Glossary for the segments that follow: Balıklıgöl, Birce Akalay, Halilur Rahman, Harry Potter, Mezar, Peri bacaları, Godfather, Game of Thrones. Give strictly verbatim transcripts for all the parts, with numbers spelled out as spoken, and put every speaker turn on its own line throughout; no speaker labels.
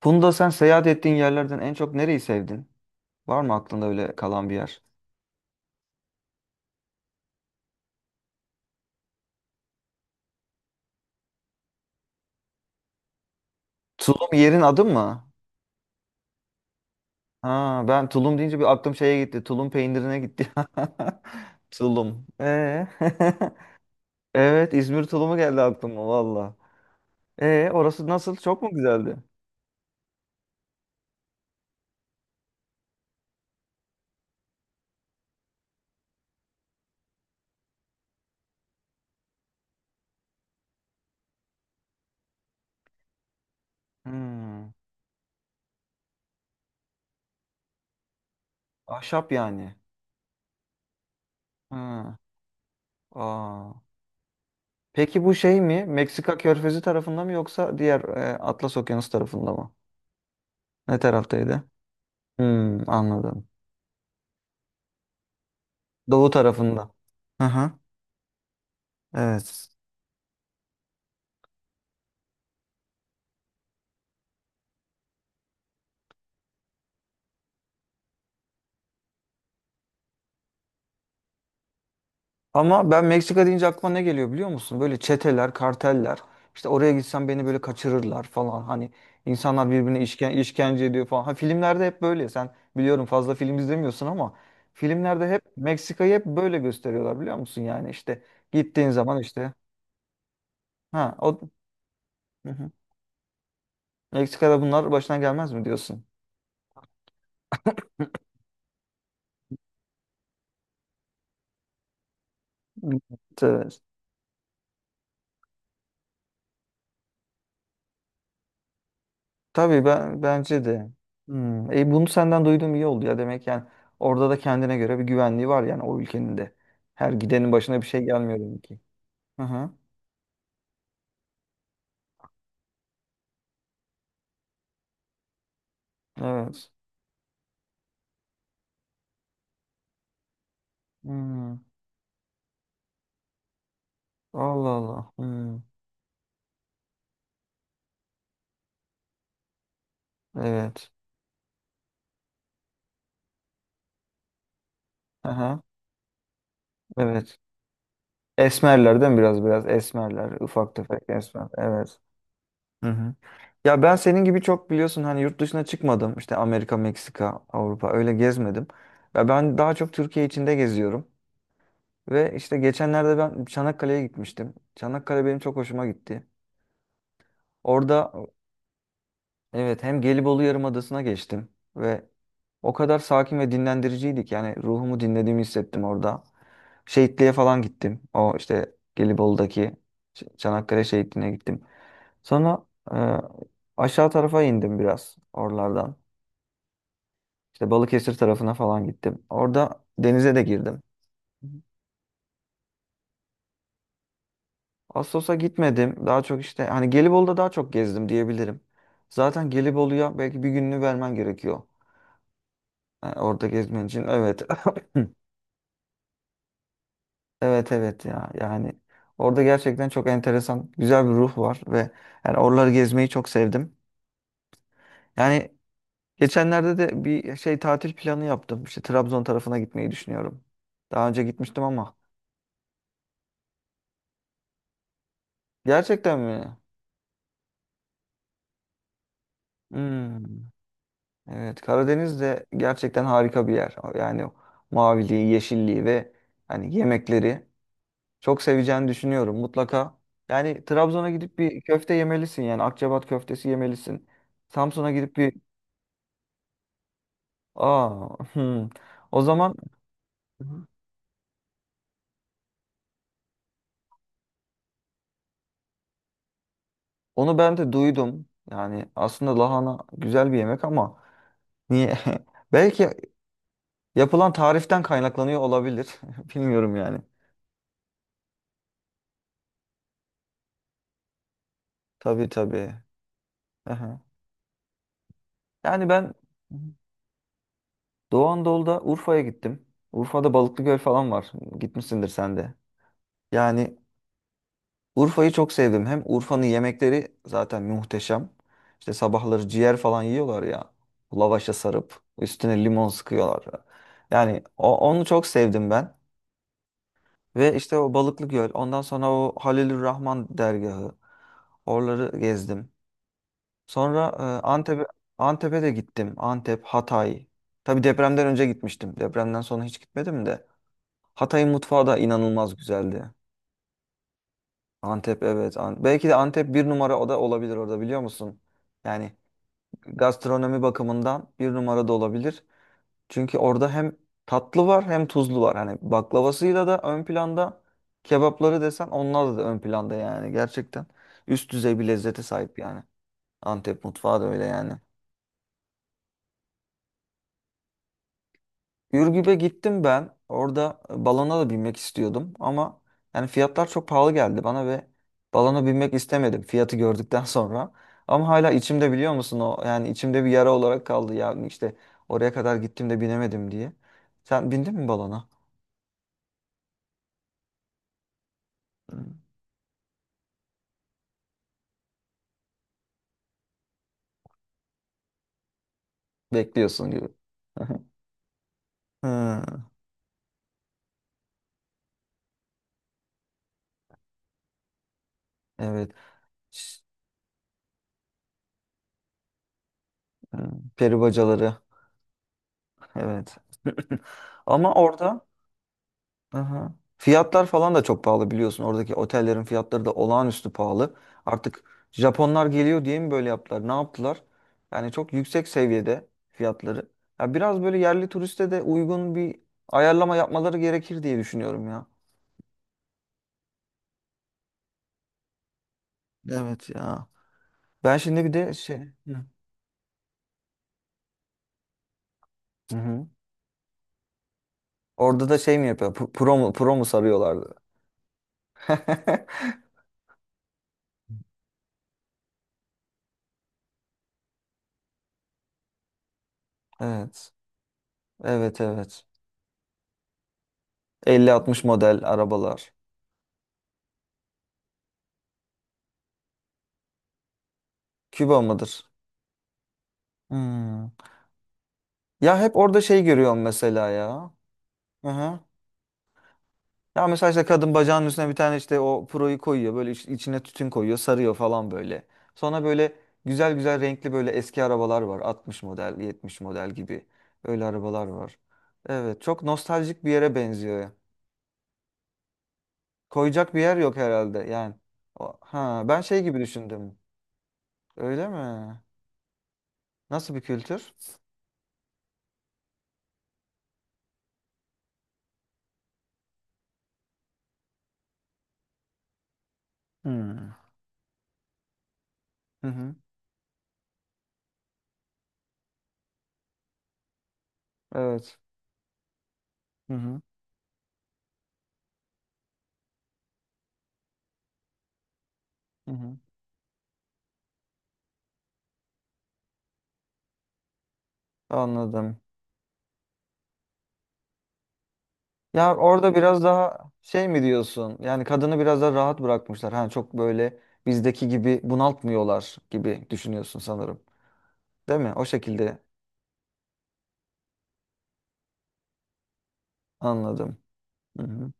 Funda, sen seyahat ettiğin yerlerden en çok nereyi sevdin? Var mı aklında öyle kalan bir yer? Tulum yerin adı mı? Ha, ben Tulum deyince bir aklım şeye gitti. Tulum peynirine gitti. Tulum. Ee? Evet, İzmir tulumu geldi aklıma valla. Ee, orası nasıl? Çok mu güzeldi? Hmm, ahşap yani. Ha, aa. Peki bu şey mi? Meksika Körfezi tarafında mı yoksa diğer e, Atlas Okyanusu tarafında mı? Ne taraftaydı? Hmm, anladım. Doğu tarafında. Hı hı. Evet. Ama ben Meksika deyince aklıma ne geliyor biliyor musun? Böyle çeteler, karteller. İşte oraya gitsem beni böyle kaçırırlar falan. Hani insanlar birbirine işken işkence ediyor falan. Ha, filmlerde hep böyle. Sen biliyorum fazla film izlemiyorsun ama filmlerde hep Meksika'yı hep böyle gösteriyorlar biliyor musun? Yani işte gittiğin zaman işte ha o. Hı hı. Meksika'da bunlar başına gelmez mi diyorsun? Evet. Tabii, ben bence de. Hmm. E, bunu senden duyduğum iyi oldu ya. Demek yani orada da kendine göre bir güvenliği var yani o ülkenin de. Her gidenin başına bir şey gelmiyor demek ki. Hı hı. Evet. Hmm. Allah Allah. Hmm. Evet. Hı hı. Evet. Esmerlerden biraz biraz esmerler. Ufak tefek esmer. Evet. Hı hı. Ya ben senin gibi çok biliyorsun hani yurt dışına çıkmadım. İşte Amerika, Meksika, Avrupa öyle gezmedim. Ya ben daha çok Türkiye içinde geziyorum. Ve işte geçenlerde ben Çanakkale'ye gitmiştim. Çanakkale benim çok hoşuma gitti. Orada evet, hem Gelibolu Yarımadası'na geçtim ve o kadar sakin ve dinlendiriciydik. Yani ruhumu dinlediğimi hissettim orada. Şehitliğe falan gittim. O işte Gelibolu'daki Ç- Çanakkale Şehitliği'ne gittim. Sonra e, aşağı tarafa indim biraz oralardan. İşte Balıkesir tarafına falan gittim. Orada denize de girdim. Assos'a gitmedim. Daha çok işte hani Gelibolu'da daha çok gezdim diyebilirim. Zaten Gelibolu'ya belki bir gününü vermen gerekiyor. Yani orada gezmen için. Evet. Evet evet ya. Yani orada gerçekten çok enteresan, güzel bir ruh var ve yani oraları gezmeyi çok sevdim. Yani geçenlerde de bir şey tatil planı yaptım. İşte Trabzon tarafına gitmeyi düşünüyorum. Daha önce gitmiştim ama. Gerçekten mi? Hmm. Evet, Karadeniz de gerçekten harika bir yer. Yani o maviliği, yeşilliği ve hani yemekleri çok seveceğini düşünüyorum mutlaka. Yani Trabzon'a gidip bir köfte yemelisin, yani Akçabat köftesi yemelisin. Samsun'a gidip bir aa. Hmm. O zaman hı, hı, onu ben de duydum. Yani aslında lahana güzel bir yemek ama niye? Belki yapılan tariften kaynaklanıyor olabilir. Bilmiyorum yani. Tabii tabii. Aha. Yani ben Doğu Anadolu'da Urfa'ya gittim. Urfa'da Balıklıgöl falan var. Gitmişsindir sen de. Yani Urfa'yı çok sevdim. Hem Urfa'nın yemekleri zaten muhteşem. İşte sabahları ciğer falan yiyorlar ya. Lavaşa sarıp üstüne limon sıkıyorlar. Yani o, onu çok sevdim ben. Ve işte o Balıklıgöl, ondan sonra o Halilur Rahman dergahı. Oraları gezdim. Sonra e, Antep'e Antep'e de gittim. Antep, Hatay. Tabii depremden önce gitmiştim. Depremden sonra hiç gitmedim de. Hatay'ın mutfağı da inanılmaz güzeldi. Antep evet. An- Belki de Antep bir numara, o da olabilir orada biliyor musun? Yani gastronomi bakımından bir numara da olabilir. Çünkü orada hem tatlı var hem tuzlu var. Hani baklavasıyla da ön planda, kebapları desen onlar da ön planda yani gerçekten. Üst düzey bir lezzete sahip yani. Antep mutfağı da öyle yani. Ürgüp'e gittim ben. Orada e, balona da binmek istiyordum ama yani fiyatlar çok pahalı geldi bana ve balona binmek istemedim fiyatı gördükten sonra. Ama hala içimde biliyor musun o, yani içimde bir yara olarak kaldı ya, işte oraya kadar gittim de binemedim diye. Sen bindin mi balona? Hı. Bekliyorsun gibi. Hı, evet. Ş- hı, peri bacaları. Evet. Ama orada aha, fiyatlar falan da çok pahalı biliyorsun. Oradaki otellerin fiyatları da olağanüstü pahalı. Artık Japonlar geliyor diye mi böyle yaptılar? Ne yaptılar? Yani çok yüksek seviyede fiyatları. Ya biraz böyle yerli turiste de uygun bir ayarlama yapmaları gerekir diye düşünüyorum ya. Evet ya. Ben şimdi bir de şey... Hı. Hı hı. Orada da şey mi yapıyor? P- Pro mu, pro mu sarıyorlardı? Evet. Evet evet. elli altmış model arabalar. Küba mıdır? Hmm. Ya hep orada şey görüyorum mesela ya. Hı-hı. Ya mesela işte kadın bacağının üstüne bir tane işte o puroyu koyuyor. Böyle iç- içine tütün koyuyor, sarıyor falan böyle. Sonra böyle güzel güzel renkli böyle eski arabalar var. altmış model, yetmiş model gibi. Öyle arabalar var. Evet, çok nostaljik bir yere benziyor. Koyacak bir yer yok herhalde yani. O- Ha, ben şey gibi düşündüm. Öyle mi? Nasıl bir kültür? Hmm. Hı hı. Evet. Hı hı. Hı hı. Anladım. Ya orada biraz daha şey mi diyorsun? Yani kadını biraz daha rahat bırakmışlar. Hani çok böyle bizdeki gibi bunaltmıyorlar gibi düşünüyorsun sanırım. Değil mi? O şekilde anladım. Hı hı.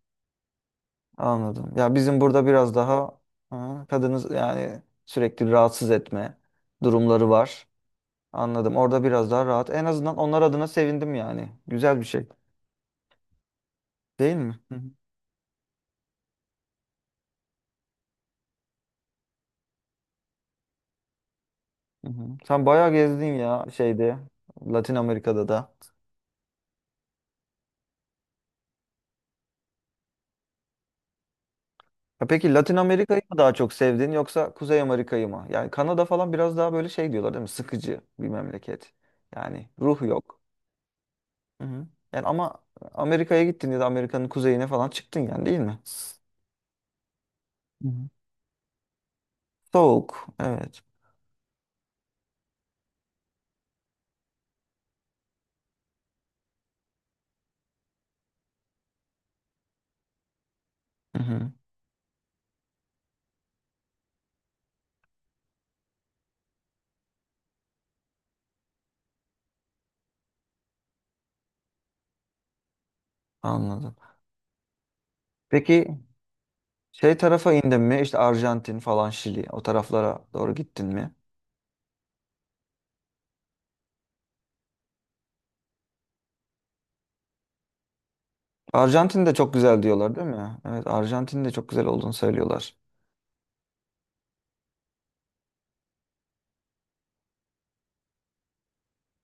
Anladım. Ya bizim burada biraz daha ha, kadını yani sürekli rahatsız etme durumları var. Anladım. Orada biraz daha rahat. En azından onlar adına sevindim yani. Güzel bir şey. Değil mi? Hı hı. Hı hı. Sen bayağı gezdin ya şeyde Latin Amerika'da da. Ya peki Latin Amerika'yı mı daha çok sevdin yoksa Kuzey Amerika'yı mı? Yani Kanada falan biraz daha böyle şey diyorlar değil mi? Sıkıcı bir memleket. Yani ruh yok. Hı hı. Yani ama Amerika'ya gittin ya da Amerika'nın kuzeyine falan çıktın yani değil mi? Hı hı. Soğuk. Evet. Hı hı. Anladım. Peki şey tarafa indin mi? İşte Arjantin falan, Şili, o taraflara doğru gittin mi? Arjantin de çok güzel diyorlar değil mi? Evet, Arjantin de çok güzel olduğunu söylüyorlar.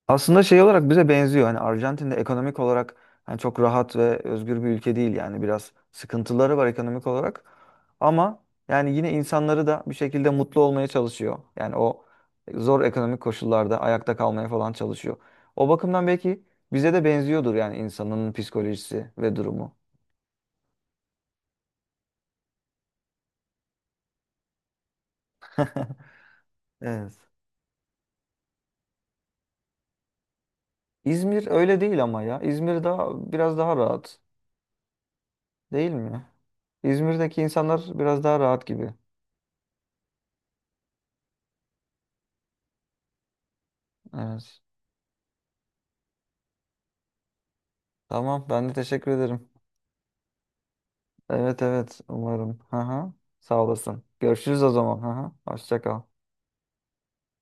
Aslında şey olarak bize benziyor. Hani Arjantin de ekonomik olarak hani çok rahat ve özgür bir ülke değil yani biraz sıkıntıları var ekonomik olarak. Ama yani yine insanları da bir şekilde mutlu olmaya çalışıyor. Yani o zor ekonomik koşullarda ayakta kalmaya falan çalışıyor. O bakımdan belki bize de benziyordur yani insanın psikolojisi ve durumu. Evet. İzmir öyle değil ama ya. İzmir daha biraz daha rahat. Değil mi? İzmir'deki insanlar biraz daha rahat gibi. Evet. Tamam, ben de teşekkür ederim. Evet evet umarım. Hı hı. Sağ olasın. Görüşürüz o zaman. Hı hı. Hoşça kal.